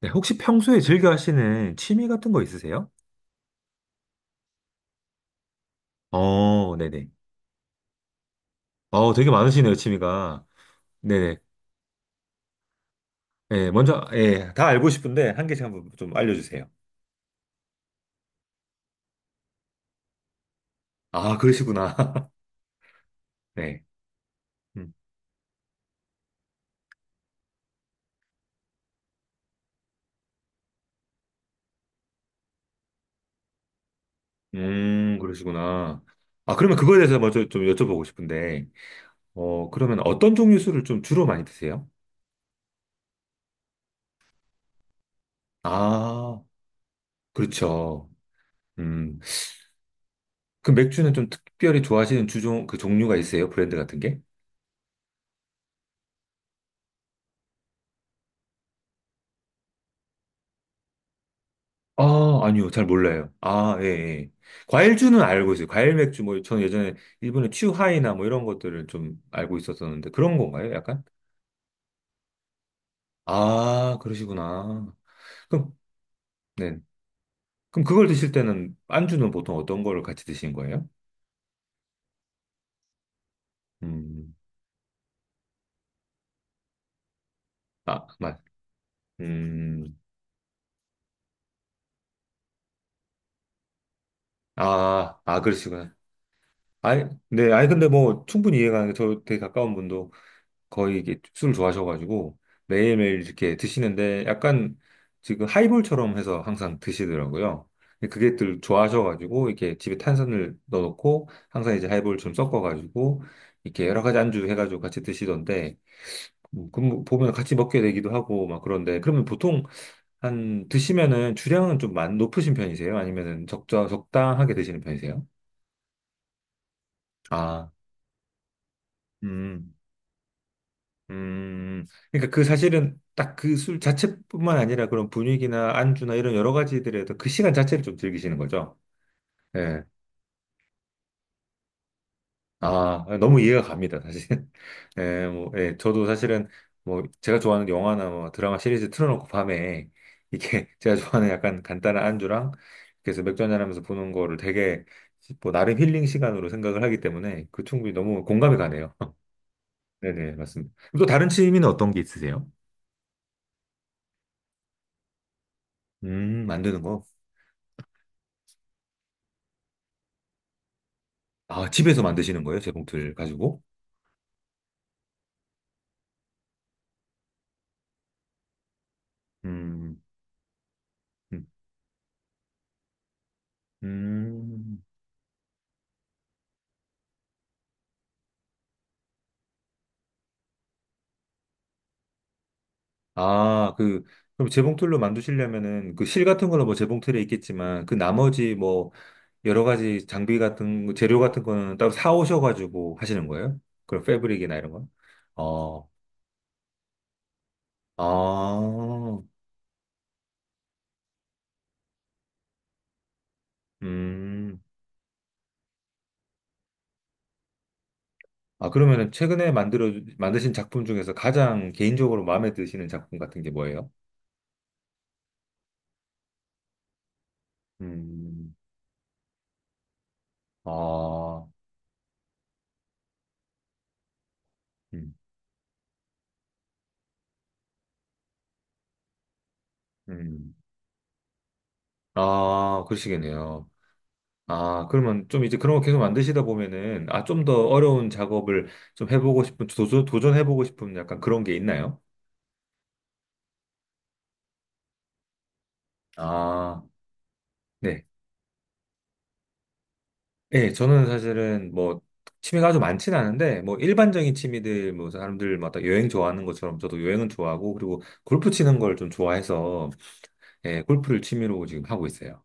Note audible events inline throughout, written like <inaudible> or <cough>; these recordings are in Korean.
네, 혹시 평소에 즐겨 하시는 취미 같은 거 있으세요? 어, 네네. 되게 많으시네요, 취미가. 네네. 예, 먼저, 예, 다 알고 싶은데, 한 개씩 한번 좀 알려주세요. 아, 그러시구나. <laughs> 네. 음, 그러시구나. 아, 그러면 그거에 대해서 먼저 좀 여쭤보고 싶은데, 그러면 어떤 종류 술을 좀 주로 많이 드세요? 아, 그렇죠. 음, 그 맥주는 좀 특별히 좋아하시는 주종, 그 종류가 있어요? 브랜드 같은 게? 아, 아니요. 잘 몰라요. 아, 예, 예. 과일주는 알고 있어요. 과일 맥주, 뭐, 저는 예전에 일본의 츄하이나 뭐 이런 것들을 좀 알고 있었었는데, 그런 건가요? 약간? 아, 그러시구나. 그럼, 네. 그럼 그걸 드실 때는, 안주는 보통 어떤 거를 같이 드신 거예요? 음, 아, 맞. 음, 아, 아, 그러시구나. 아니, 네, 아니, 근데 뭐, 충분히 이해가 가는데, 저 되게 가까운 분도 거의 이게 술 좋아하셔가지고 매일매일 이렇게 드시는데 약간 지금 하이볼처럼 해서 항상 드시더라고요. 근데 그게 들 좋아하셔가지고 이렇게 집에 탄산을 넣어놓고 항상 이제 하이볼 좀 섞어가지고 이렇게 여러 가지 안주 해가지고 같이 드시던데 그럼 뭐 보면 같이 먹게 되기도 하고 막 그런데 그러면 보통 한 드시면은 주량은 좀 높으신 편이세요? 아니면은 적자 적당하게 드시는 편이세요? 아, 음. 그러니까 그 사실은 딱 그 술 자체뿐만 아니라 그런 분위기나 안주나 이런 여러 가지들에도 그 시간 자체를 좀 즐기시는 거죠. 예. 아, 너무 이해가 갑니다, 사실. <laughs> 예, 뭐, 예, 저도 사실은 뭐 제가 좋아하는 영화나 뭐 드라마 시리즈 틀어놓고 밤에 이렇게 <laughs> 제가 좋아하는 약간 간단한 안주랑 그래서 맥주 한잔하면서 보는 거를 되게 뭐 나름 힐링 시간으로 생각을 하기 때문에 그 충분히 너무 공감이 가네요. <laughs> 네네, 맞습니다. 또 다른 취미는 어떤 게 있으세요? 만드는 거. 아, 집에서 만드시는 거예요? 재봉틀 가지고? 음, 음, 음. 아, 그, 그럼 재봉틀로 만드시려면은 그 실 같은 거는 뭐 재봉틀에 있겠지만 그 나머지 뭐 여러 가지 장비 같은, 거, 재료 같은 거는 따로 사오셔가지고 하시는 거예요? 그런 패브릭이나 이런 거? 어, 아, 음. 아, 그러면은 최근에 만드신 작품 중에서 가장 개인적으로 마음에 드시는 작품 같은 게 뭐예요? 음, 아, 음, 음. 아, 그러시겠네요. 아, 그러면 좀 이제 그런 거 계속 만드시다 보면은, 아, 좀 더 어려운 작업을 좀 해보고 싶은, 도전해보고 싶은 약간 그런 게 있나요? 아, 네. 예, 저는 사실은 뭐, 취미가 아주 많진 않은데, 뭐, 일반적인 취미들, 뭐, 사람들마다 여행 좋아하는 것처럼 저도 여행은 좋아하고, 그리고 골프 치는 걸 좀 좋아해서, 예, 골프를 취미로 지금 하고 있어요.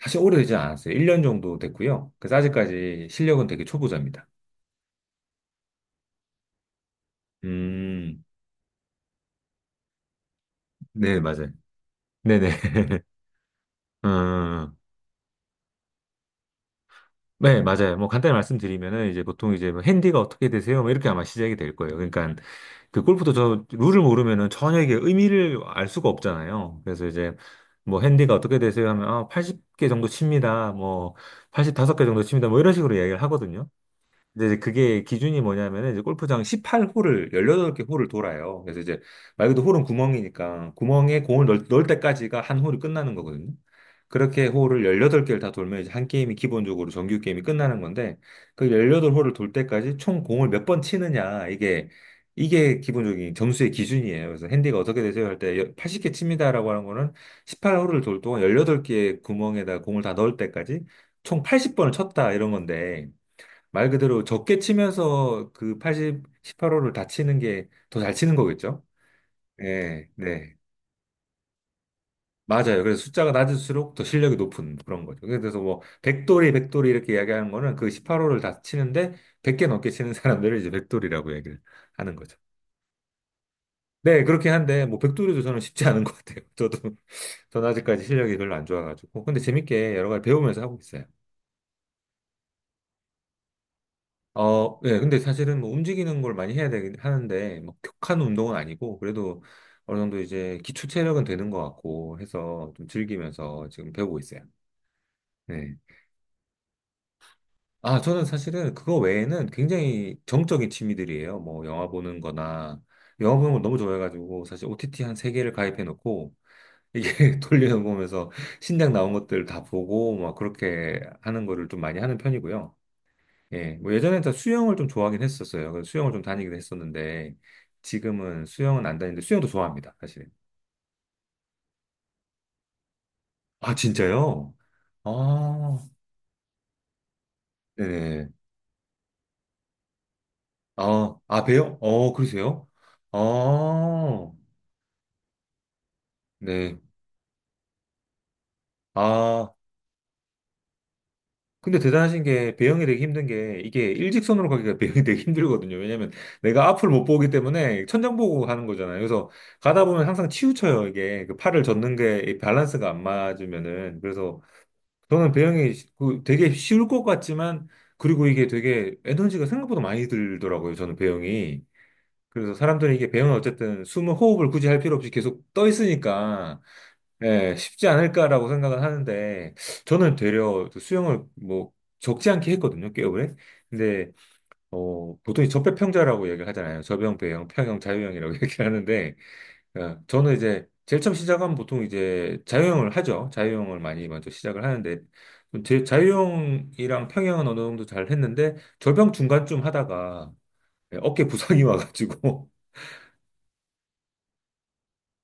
사실 오래되지 않았어요. 1년 정도 됐고요. 그래서 아직까지 실력은 되게 초보자입니다. 음, 네, 맞아요. 네네. 음, 네, 맞아요. 뭐 간단히 말씀드리면은 이제 보통 이제 뭐 핸디가 어떻게 되세요? 뭐 이렇게 아마 시작이 될 거예요. 그러니까 그 골프도 저 룰을 모르면은 전혀 이게 의미를 알 수가 없잖아요. 그래서 이제 뭐 핸디가 어떻게 되세요? 하면 아, 80개 정도 칩니다. 뭐 85개 정도 칩니다. 뭐 이런 식으로 이야기를 하거든요. 근데 이제 그게 기준이 뭐냐면은 이제 골프장 18홀을 18개 홀을 돌아요. 그래서 이제 말 그대로 홀은 구멍이니까 구멍에 공을 넣을 때까지가 한 홀이 끝나는 거거든요. 그렇게 홀을 18개를 다 돌면 이제 한 게임이 기본적으로 정규 게임이 끝나는 건데 그 18홀을 돌 때까지 총 공을 몇 번 치느냐 이게 이게 기본적인 점수의 기준이에요. 그래서 핸디가 어떻게 되세요? 할 때 80개 칩니다라고 하는 거는 18홀을 돌 동안 18개의 구멍에다 공을 다 넣을 때까지 총 80번을 쳤다 이런 건데 말 그대로 적게 치면서 그 80, 18호를 다 치는 게 더 잘 치는 거겠죠? 네, 네. 맞아요. 그래서 숫자가 낮을수록 더 실력이 높은 그런 거죠. 그래서 뭐, 백돌이, 백돌이 이렇게 이야기하는 거는 그 18호를 다 치는데 100개 넘게 치는 사람들을 이제 백돌이라고 얘기를 하는 거죠. 네, 그렇긴 한데, 뭐, 백돌이도 저는 쉽지 않은 것 같아요. 저도, <laughs> 저는 아직까지 실력이 별로 안 좋아가지고. 근데 재밌게 여러 가지 배우면서 하고 있어요. 어, 예, 근데 사실은 뭐 움직이는 걸 많이 해야 되긴 하는데, 뭐 격한 운동은 아니고, 그래도 어느 정도 이제 기초 체력은 되는 것 같고 해서 좀 즐기면서 지금 배우고 있어요. 네. 아, 저는 사실은 그거 외에는 굉장히 정적인 취미들이에요. 뭐 영화 보는 거나, 영화 보는 걸 너무 좋아해가지고, 사실 OTT 한 세개를 가입해 놓고, 이게 <laughs> 돌려보면서 신작 나온 것들 다 보고, 막 그렇게 하는 거를 좀 많이 하는 편이고요. 예, 뭐 예전엔 다 수영을 좀 좋아하긴 했었어요. 그래서 수영을 좀 다니기도 했었는데, 지금은 수영은 안 다니는데, 수영도 좋아합니다, 사실은. 아, 진짜요? 아, 네네. 아, 아, 배요? 어, 그러세요? 아, 네. 아, 근데 대단하신 게, 배영이 되게 힘든 게, 이게 일직선으로 가기가 <laughs> 배영이 되게 힘들거든요. 왜냐면 내가 앞을 못 보기 때문에 천장 보고 가는 거잖아요. 그래서 가다 보면 항상 치우쳐요, 이게. 그 팔을 젓는 게이 밸런스가 안 맞으면은. 그래서 저는 배영이 그 되게 쉬울 것 같지만, 그리고 이게 되게 에너지가 생각보다 많이 들더라고요, 저는 배영이. 그래서 사람들이 이게 배영은 어쨌든 숨을 호흡을 굳이 할 필요 없이 계속 떠 있으니까, 예, 쉽지 않을까라고 생각을 하는데, 저는 되려 수영을 뭐 적지 않게 했거든요, 꽤 오래. 근데, 보통 이 접배평자라고 얘기를 하잖아요. 접영, 배영, 평영, 자유형이라고 <laughs> 얘기를 하는데, 예, 저는 이제 제일 처음 시작하면 보통 이제 자유형을 하죠. 자유형을 많이 먼저 시작을 하는데 제 자유형이랑 평형은 어느 정도 잘 했는데 절병 중간쯤 하다가 예, 어깨 부상이 <laughs> 와가지고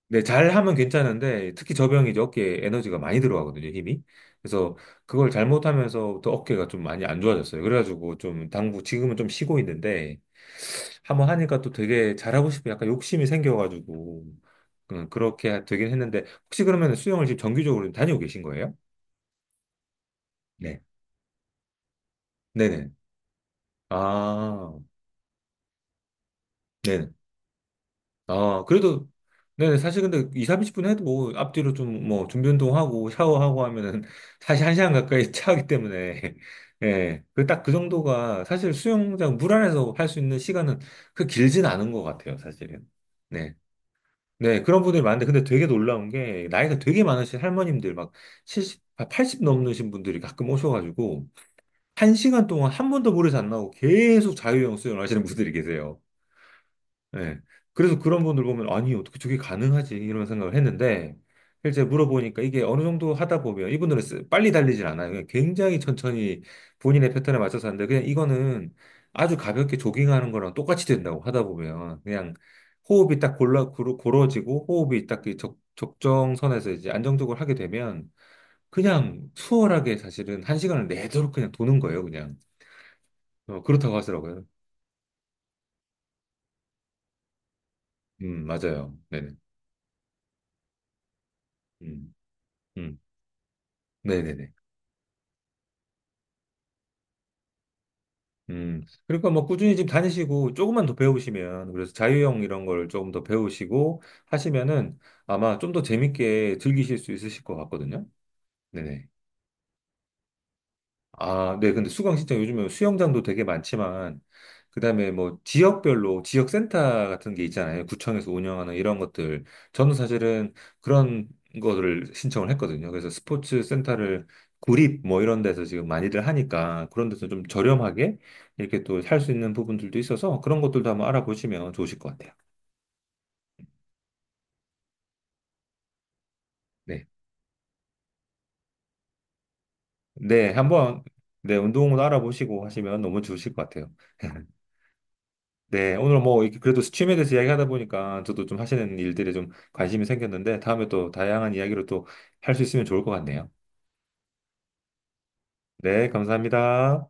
네, 잘 하면 괜찮은데 특히 저병이 이제 어깨에 에너지가 많이 들어가거든요, 힘이. 그래서 그걸 잘못하면서부터 어깨가 좀 많이 안 좋아졌어요. 그래가지고 좀 당구 지금은 좀 쉬고 있는데 한번 하니까 또 되게 잘하고 싶은 약간 욕심이 생겨가지고 그렇게 되긴 했는데 혹시 그러면 수영을 지금 정기적으로 다니고 계신 거예요? 네. 네네. 아, 네네. 아, 그래도 네네. 사실 근데 2, 30분 해도 뭐 앞뒤로 좀 뭐 준비 운동하고 샤워하고 하면은 <laughs> 사실 한시간 가까이 차기 때문에 <laughs> 예. 그 딱 그 정도가 사실 수영장 물 안에서 할 수 있는 시간은 그 길진 않은 것 같아요, 사실은. 네. 네, 그런 분들이 많은데, 근데 되게 놀라운 게, 나이가 되게 많으신 할머님들, 막 70, 아, 80 넘으신 분들이 가끔 오셔가지고, 한시간 동안 한 번도 물에서 안 나오고 계속 자유형 수영을 하시는 분들이 계세요. 예. 그래서 그런 분들 보면, 아니, 어떻게 저게 가능하지? 이런 생각을 했는데, 실제 물어보니까 이게 어느 정도 하다 보면, 이분들은 빨리 달리진 않아요. 그냥 굉장히 천천히 본인의 패턴에 맞춰서 하는데, 그냥 이거는 아주 가볍게 조깅하는 거랑 똑같이 된다고 하다 보면, 그냥 호흡이 딱 고러지고, 호흡이 딱그 적정선에서 이제 안정적으로 하게 되면, 그냥 수월하게 사실은 한 시간을 내도록 그냥 도는 거예요, 그냥. 어, 그렇다고 하더라고요. 맞아요. 네네. 음, 음, 네네네. 그러니까 뭐 꾸준히 지금 다니시고 조금만 더 배우시면, 그래서 자유형 이런 걸 조금 더 배우시고 하시면은 아마 좀 더 재밌게 즐기실 수 있으실 것 같거든요. 네네. 아, 네. 근데 수강 신청 요즘에 수영장도 되게 많지만, 그다음에 뭐 지역별로 지역센터 같은 게 있잖아요. 구청에서 운영하는 이런 것들. 저는 사실은 그런 거를 신청을 했거든요. 그래서 스포츠 센터를 구립 뭐 이런 데서 지금 많이들 하니까 그런 데서 좀 저렴하게 이렇게 또 살 수 있는 부분들도 있어서 그런 것들도 한번 알아보시면 좋으실 것 같아요. 네. 네. 한번 네, 운동을 알아보시고 하시면 너무 좋으실 것 같아요. 네, 오늘 뭐 이렇게 그래도 스팀에 대해서 이야기하다 보니까 저도 좀 하시는 일들에 좀 관심이 생겼는데 다음에 또 다양한 이야기로 또 할 수 있으면 좋을 것 같네요. 네, 감사합니다.